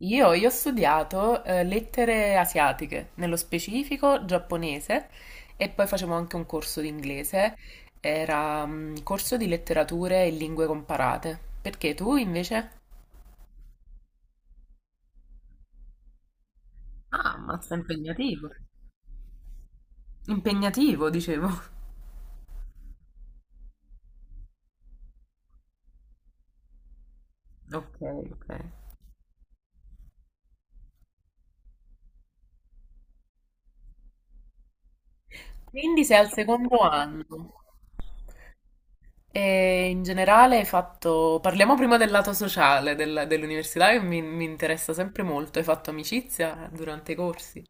Io ho studiato lettere asiatiche, nello specifico giapponese, e poi facevo anche un corso di inglese, era un corso di letterature e lingue comparate. Perché tu invece? Ah, ma sta impegnativo. Impegnativo, dicevo. Ok, ok. Quindi sei al secondo anno. E in generale hai fatto... Parliamo prima del lato sociale della- dell'università che mi interessa sempre molto. Hai fatto amicizia durante i corsi?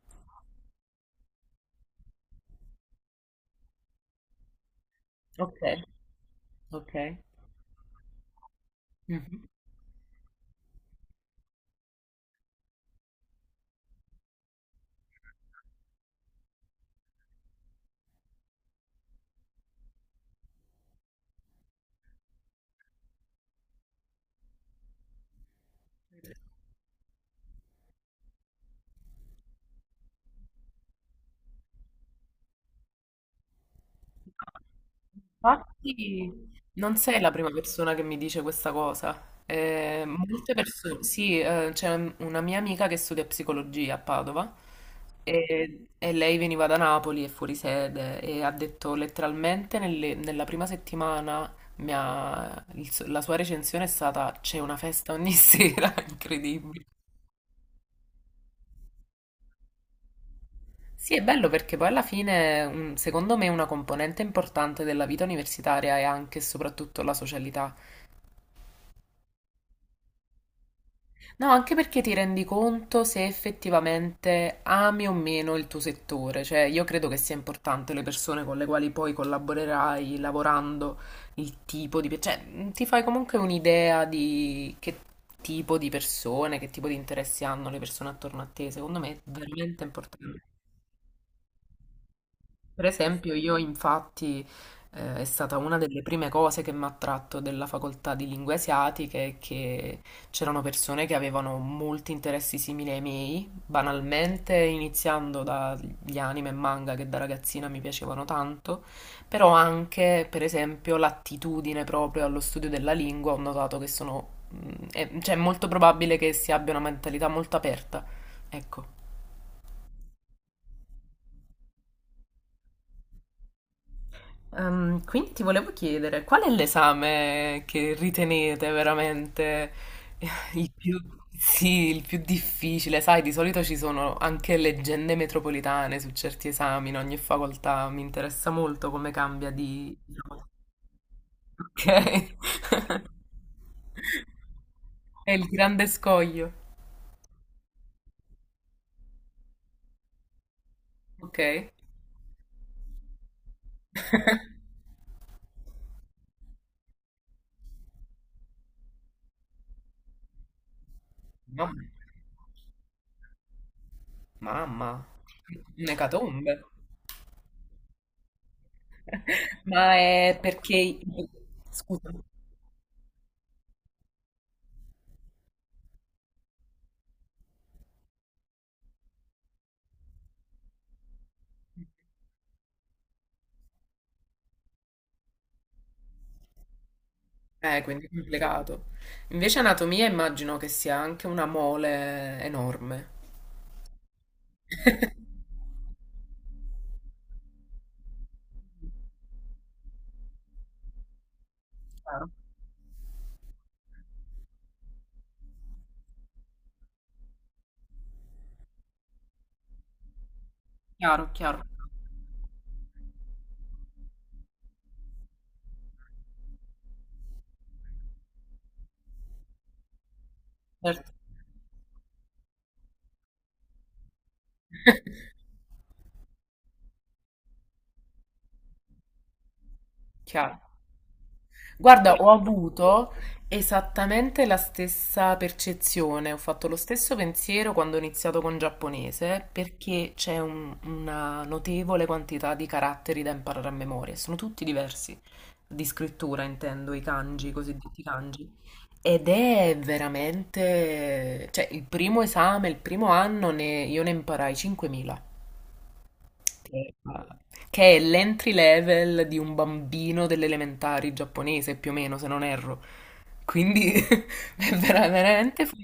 Ok. Okay. Mh-mh. Infatti non sei la prima persona che mi dice questa cosa. Molte perso sì, c'è una mia amica che studia psicologia a Padova e lei veniva da Napoli, è fuori sede e ha detto letteralmente nelle- nella prima settimana mi ha- il su- la sua recensione è stata c'è una festa ogni sera, incredibile. Sì, è bello perché poi alla fine, un- secondo me, una componente importante della vita universitaria è anche e soprattutto la socialità. No, anche perché ti rendi conto se effettivamente ami o meno il tuo settore. Cioè, io credo che sia importante le persone con le quali poi collaborerai lavorando, il tipo di... pe- Cioè, ti fai comunque un'idea di che tipo di persone, che tipo di interessi hanno le persone attorno a te. Secondo me è veramente importante. Per esempio, io infatti è stata una delle prime cose che mi ha attratto della facoltà di lingue asiatiche è che c'erano persone che avevano molti interessi simili ai miei, banalmente iniziando dagli anime e manga che da ragazzina mi piacevano tanto, però anche, per esempio, l'attitudine proprio allo studio della lingua, ho notato che sono, mm, è- cioè, è molto probabile che si abbia una mentalità molto aperta. Ecco. Quindi ti volevo chiedere, qual è l'esame che ritenete veramente il più, sì, il più difficile? Sai, di solito ci sono anche leggende metropolitane su certi esami in ogni facoltà, mi interessa molto come cambia di... Ok, è il grande scoglio. Ok. Mamma, mamma, un'ecatombe. Ma è perché... Scusa. Quindi è complicato. Invece anatomia immagino che sia anche una mole enorme. Chiaro, chiaro, chiaro. Certo. Chiaro. Guarda, ho avuto esattamente la stessa percezione, ho fatto lo stesso pensiero quando ho iniziato con giapponese, perché c'è un- una notevole quantità di caratteri da imparare a memoria, e sono tutti diversi, di scrittura intendo, i kanji, i cosiddetti kanji. Ed è veramente, cioè il primo esame, il primo anno ne- io ne imparai 5.000, che che è l'entry level di un bambino delle elementari giapponese più o meno, se non erro. Quindi è veramente... fu-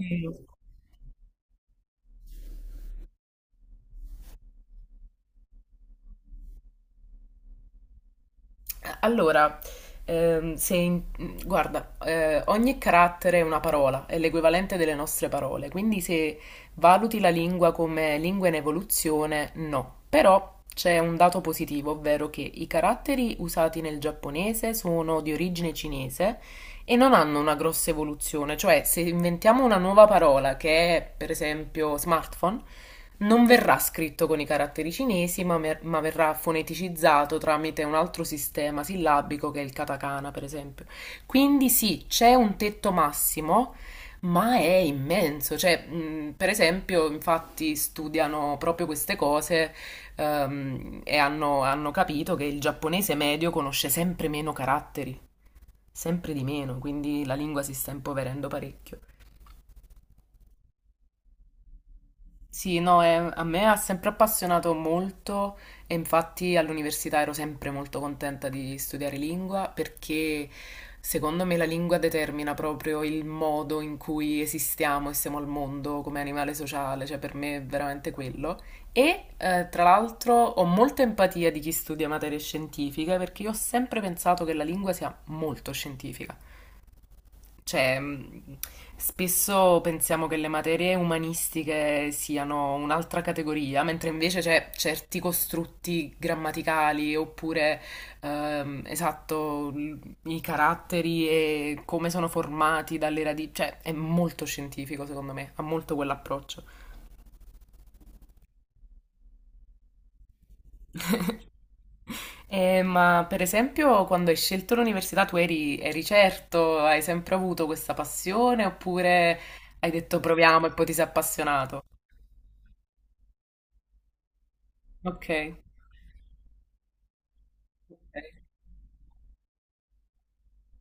Allora, se in- guarda, ogni carattere è una parola, è l'equivalente delle nostre parole, quindi se valuti la lingua come lingua in evoluzione, no. Però c'è un dato positivo, ovvero che i caratteri usati nel giapponese sono di origine cinese e non hanno una grossa evoluzione, cioè se inventiamo una nuova parola che è per esempio smartphone, non verrà scritto con i caratteri cinesi, ma, mer- ma verrà foneticizzato tramite un altro sistema sillabico che è il katakana, per esempio. Quindi sì, c'è un tetto massimo, ma è immenso. Cioè, per esempio, infatti studiano proprio queste cose, e hanno capito che il giapponese medio conosce sempre meno caratteri sempre di meno, quindi la lingua si sta impoverendo parecchio. Sì, no, è- a me ha sempre appassionato molto e infatti all'università ero sempre molto contenta di studiare lingua perché secondo me la lingua determina proprio il modo in cui esistiamo e siamo al mondo come animale sociale, cioè per me è veramente quello. E tra l'altro ho molta empatia di chi studia materie scientifiche perché io ho sempre pensato che la lingua sia molto scientifica. Cioè, spesso pensiamo che le materie umanistiche siano un'altra categoria, mentre invece c'è certi costrutti grammaticali oppure, esatto, l- i caratteri e come sono formati dalle radici. Cioè, è molto scientifico, secondo me, ha molto quell'approccio. Ma per esempio, quando hai scelto l'università, tu eri certo, hai sempre avuto questa passione oppure hai detto proviamo e poi ti sei appassionato? Ok.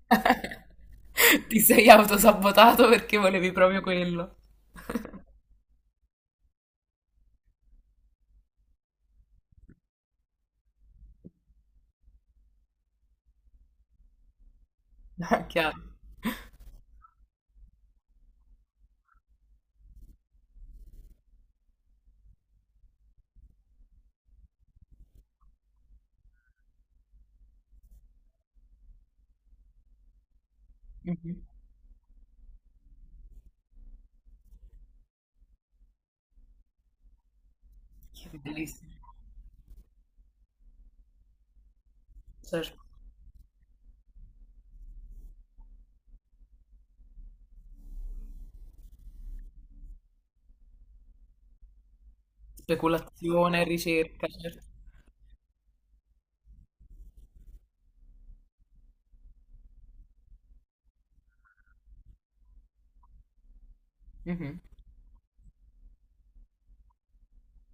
Ti sei autosabotato perché volevi proprio quello. Chiaro. Mhm. Bellissimo. Certo. Speculazione, ricerca, certo. Mhm.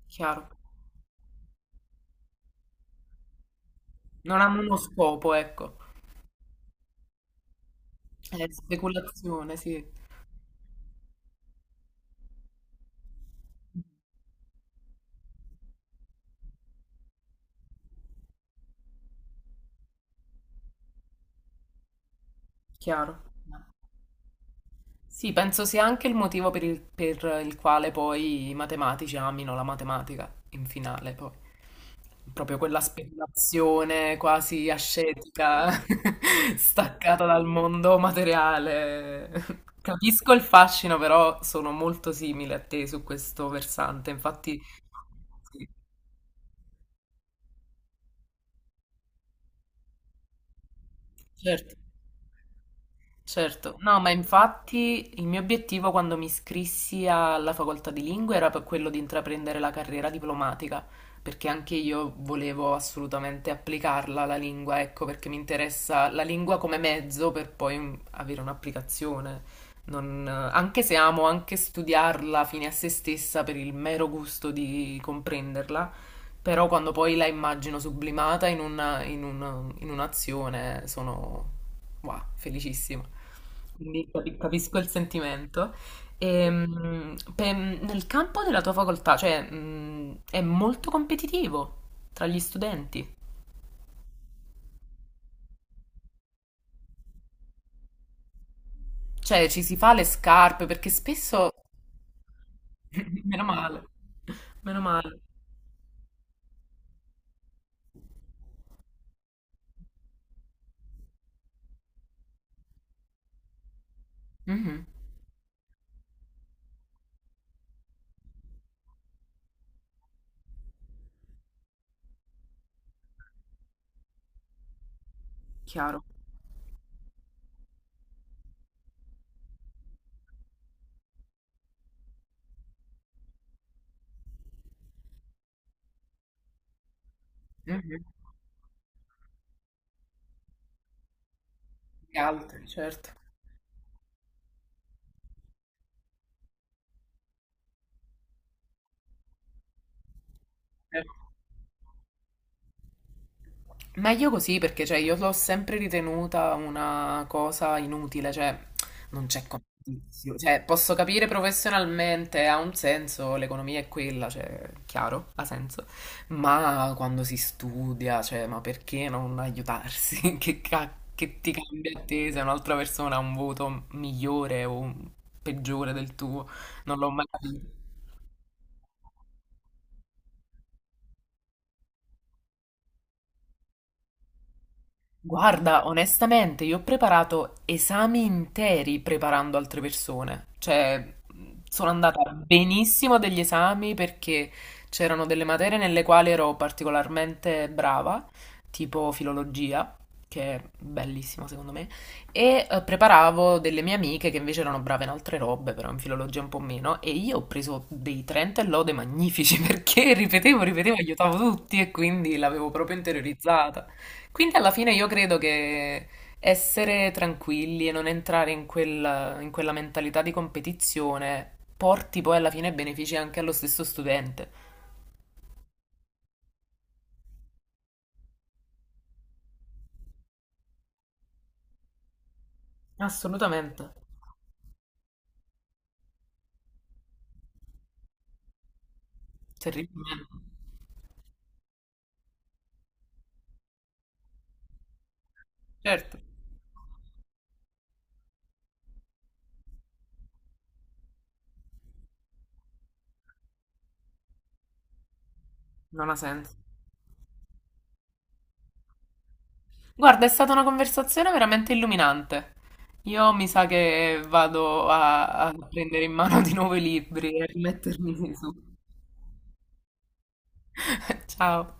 Chiaro. Non hanno uno scopo, ecco. È speculazione, sì. Chiaro. Sì, penso sia anche il motivo per il quale poi i matematici amino la matematica in finale, poi. Proprio quella speculazione quasi ascetica, staccata dal mondo materiale. Capisco il fascino, però sono molto simile a te su questo versante. Infatti, sì, certo. Certo, no, ma infatti il mio obiettivo quando mi iscrissi alla facoltà di lingue era per quello di intraprendere la carriera diplomatica, perché anche io volevo assolutamente applicarla la lingua, ecco, perché mi interessa la lingua come mezzo per poi mm, avere un'applicazione. Non- anche se amo anche studiarla fine a se stessa per il mero gusto di comprenderla, però quando poi la immagino sublimata in, una- in un- in un'azione sono wow, felicissima. Quindi capi- capisco il sentimento. Pe- nel campo della tua facoltà, cioè, è molto competitivo tra gli studenti. Cioè, ci si fa le scarpe perché spesso... Meno male. Meno male. Mhm, chiaro. Mhm. Gli altri, certo. Certo. Ma io così perché cioè, io l'ho sempre ritenuta una cosa inutile, cioè non c'è competizione. Cioè, posso capire professionalmente, ha un senso, l'economia è quella, cioè, chiaro, ha senso. Ma quando si studia, cioè, ma perché non aiutarsi? Che, ca- che ti cambia a te se un'altra persona ha un voto migliore o peggiore del tuo? Non l'ho mai capito. Guarda, onestamente, io ho preparato esami interi preparando altre persone. Cioè, sono andata benissimo degli esami perché c'erano delle materie nelle quali ero particolarmente brava, tipo filologia, che è bellissima secondo me, e preparavo delle mie amiche che invece erano brave in altre robe, però in filologia un po' meno, e io ho preso dei 30 e lode magnifici perché ripetevo, ripetevo, aiutavo tutti e quindi l'avevo proprio interiorizzata. Quindi alla fine io credo che essere tranquilli e non entrare in quella mentalità di competizione porti poi alla fine benefici anche allo stesso studente. Assolutamente, terribilmente. Certo, non ha senso. Guarda, è stata una conversazione veramente illuminante. Io mi sa che vado a prendere in mano di nuovo i libri e rimettermi su. Ciao.